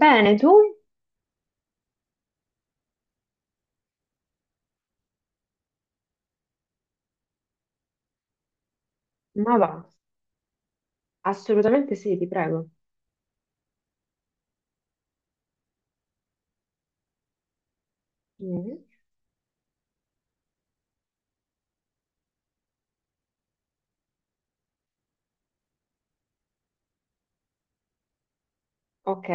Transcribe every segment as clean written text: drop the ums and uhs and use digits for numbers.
Bene, tu? Ma va, assolutamente sì, ti prego. Mm, ok,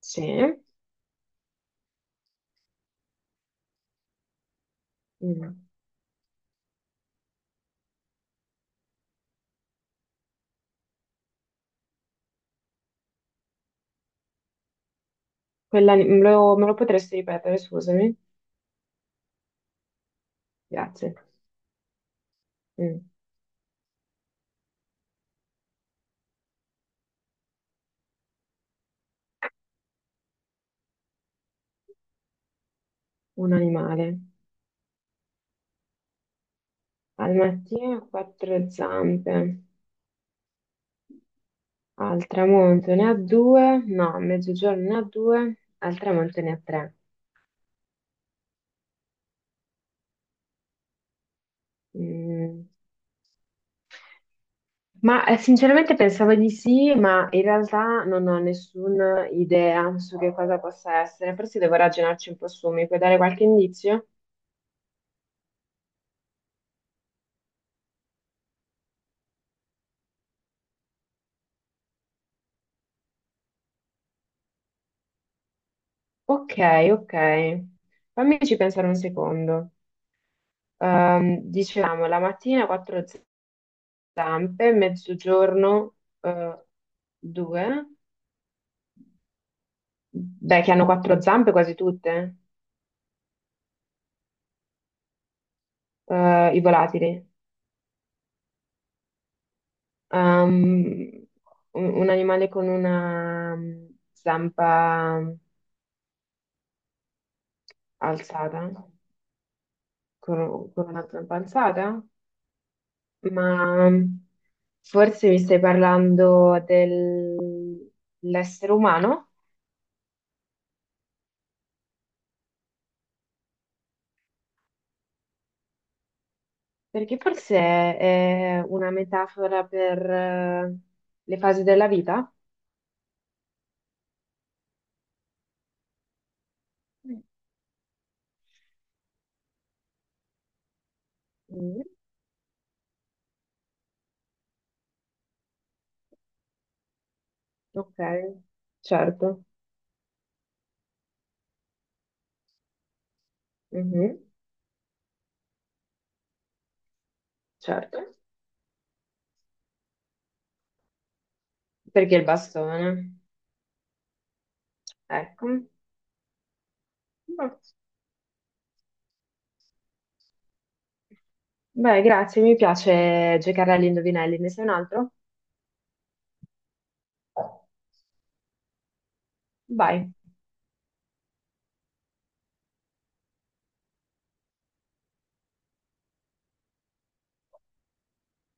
sì. Mm. Me lo potresti ripetere, scusami? Grazie. Mm, Un animale. Al mattino ha quattro zampe, al tramonto ne ha due, no, a mezzogiorno ne ha due, al tramonto ne ha tre. Mm. Ma sinceramente pensavo di sì, ma in realtà non ho nessuna idea su che cosa possa essere. Forse devo ragionarci un po' su, mi puoi dare qualche indizio? Ok, ok. Fammici pensare un secondo. Dicevamo, la mattina quattro zampe, mezzogiorno eh, due. Beh, che hanno quattro zampe quasi tutte, i volatili. Ehm, un animale con una zampa alzata, con una zampa alzata, ma forse mi stai parlando dell'essere umano, perché forse è una metafora per le fasi della vita. Mm. Mm, ok, certo, mhm, certo, perché il bastone, ecco. Boh. Beh, grazie, mi piace giocare agli indovinelli, ne sei un altro? Vai,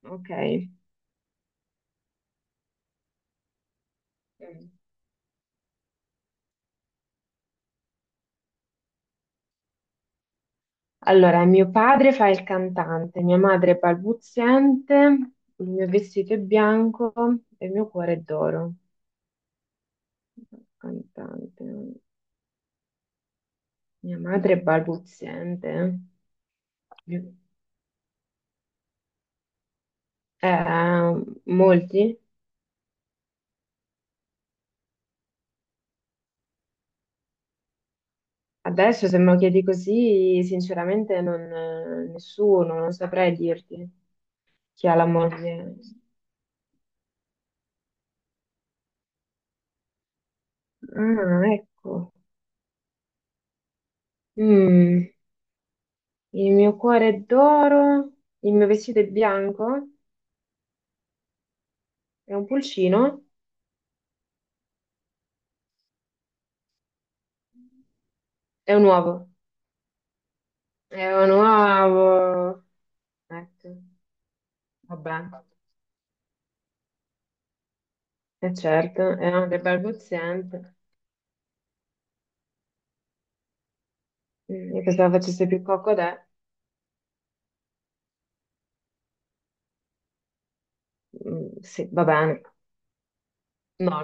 ok. Mm. Allora, mio padre fa il cantante, mia madre è balbuziente, il mio vestito è bianco e il mio cuore è d'oro. Cantante, mia madre è balbuziente. Mio- molti? Adesso se me lo chiedi così, sinceramente non, nessuno, non saprei dirti chi ha la moglie. Ah, ecco. Mm, il mio cuore è d'oro, il mio vestito è bianco. È un pulcino? È un uovo. È un uovo. Ecco, vabbè. E certo, è anche barbozzante. Io pensavo facesse più cocodè. Mm, sì, va bene. No,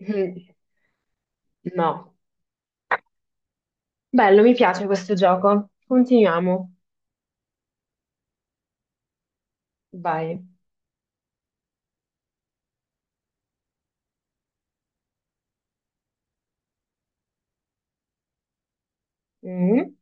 mm, no. Bello, mi piace questo gioco. Continuiamo. Vai. Mm,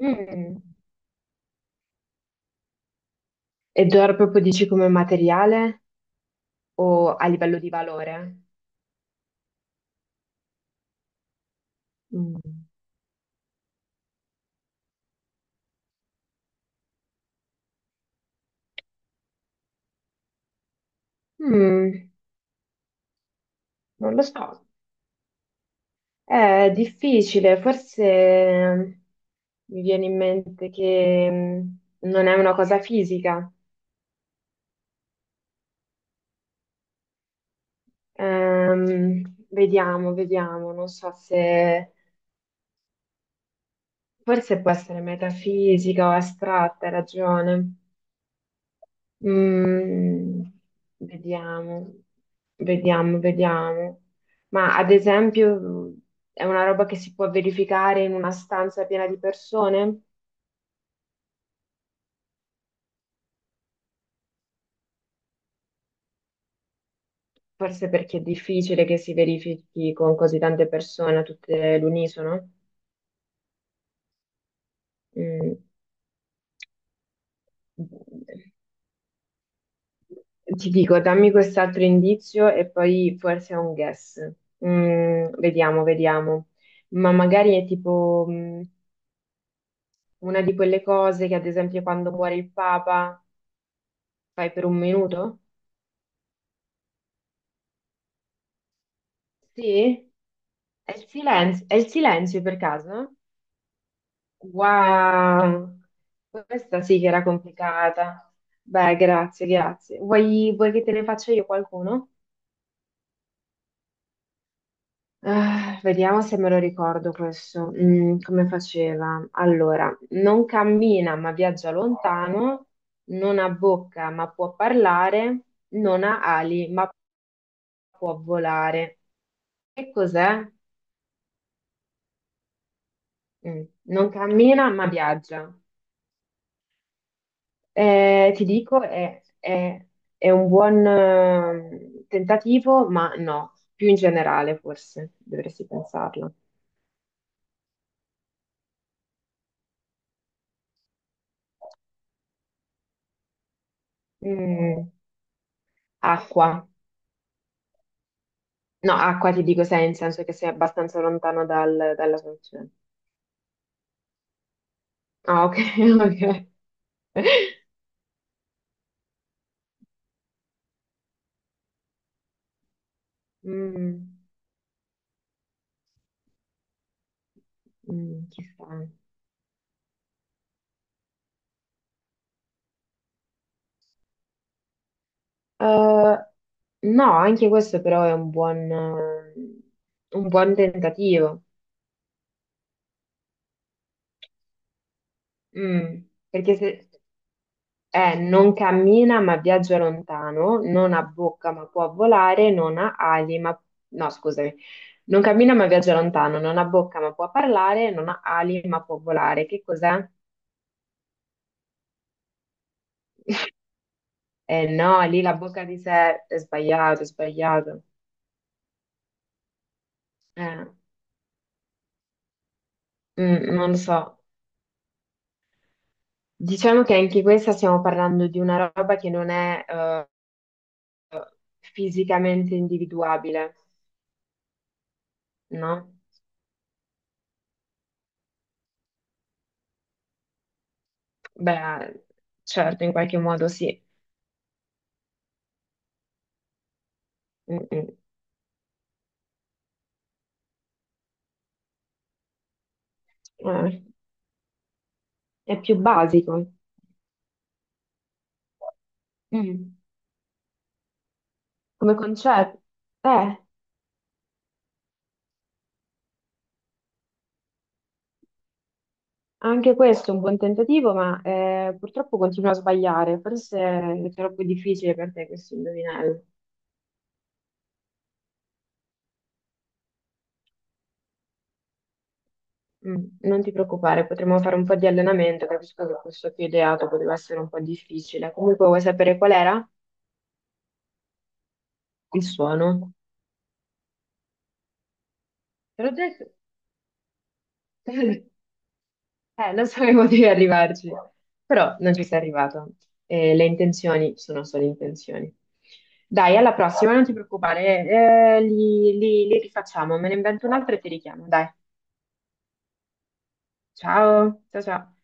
mm. Ed ora proprio dici come materiale o a livello di valore? Mm. Mm, non lo so. È difficile, forse mi viene in mente che non è una cosa fisica. Ehm, vediamo, vediamo, non so se forse può essere metafisica o astratta, hai ragione. Mm, vediamo, vediamo, vediamo. Ma ad esempio è una roba che si può verificare in una stanza piena di persone? Forse perché è difficile che si verifichi con così tante persone, tutte all'unisono. Mm. Ti dico, dammi quest'altro indizio e poi forse è un guess. Vediamo, vediamo. Ma magari è tipo, una di quelle cose che, ad esempio, quando muore il Papa fai per un minuto? Sì? È il silenzio per caso? Wow, questa sì che era complicata. Beh, grazie, grazie. Vuoi che te ne faccia io qualcuno? Ah, vediamo se me lo ricordo questo. Come faceva? Allora, non cammina ma viaggia lontano, non ha bocca ma può parlare, non ha ali ma può volare. Che cos'è? Non cammina ma viaggia. Ti dico, è un buon tentativo, ma no, più in generale forse dovresti pensarlo. Mm, acqua. No, acqua ti dico sei, in senso che sei abbastanza lontano dalla soluzione. Ah, ok, ok. Mm, chissà. No, anche questo però è un buon tentativo. Mm, perché se. Non cammina ma viaggia lontano, non ha bocca ma può volare, non ha ali ma. No, scusami. Non cammina ma viaggia lontano, non ha bocca ma può parlare, non ha ali ma può volare. Che cos'è? Eh no, lì la bocca di sé è sbagliato, è sbagliato. Eh, non lo so. Diciamo che anche questa stiamo parlando di una roba che non è fisicamente individuabile, no? Beh, certo, in qualche modo sì. Mm, mm. Eh. È più basico. Mm. Come concetto. Eh, anche questo è un buon tentativo, ma purtroppo continua a sbagliare. Forse è troppo difficile per te questo indovinello. Non ti preoccupare, potremmo fare un po' di allenamento. Capisco che questo che ho ideato poteva essere un po' difficile. Comunque, vuoi sapere qual era? Il suono. Te l'ho detto. Non sapevo di arrivarci, però non ci sei arrivato. Le intenzioni sono solo intenzioni. Dai, alla prossima, non ti preoccupare, li rifacciamo, me ne invento un altro e ti richiamo. Dai, ciao, ciao ciao.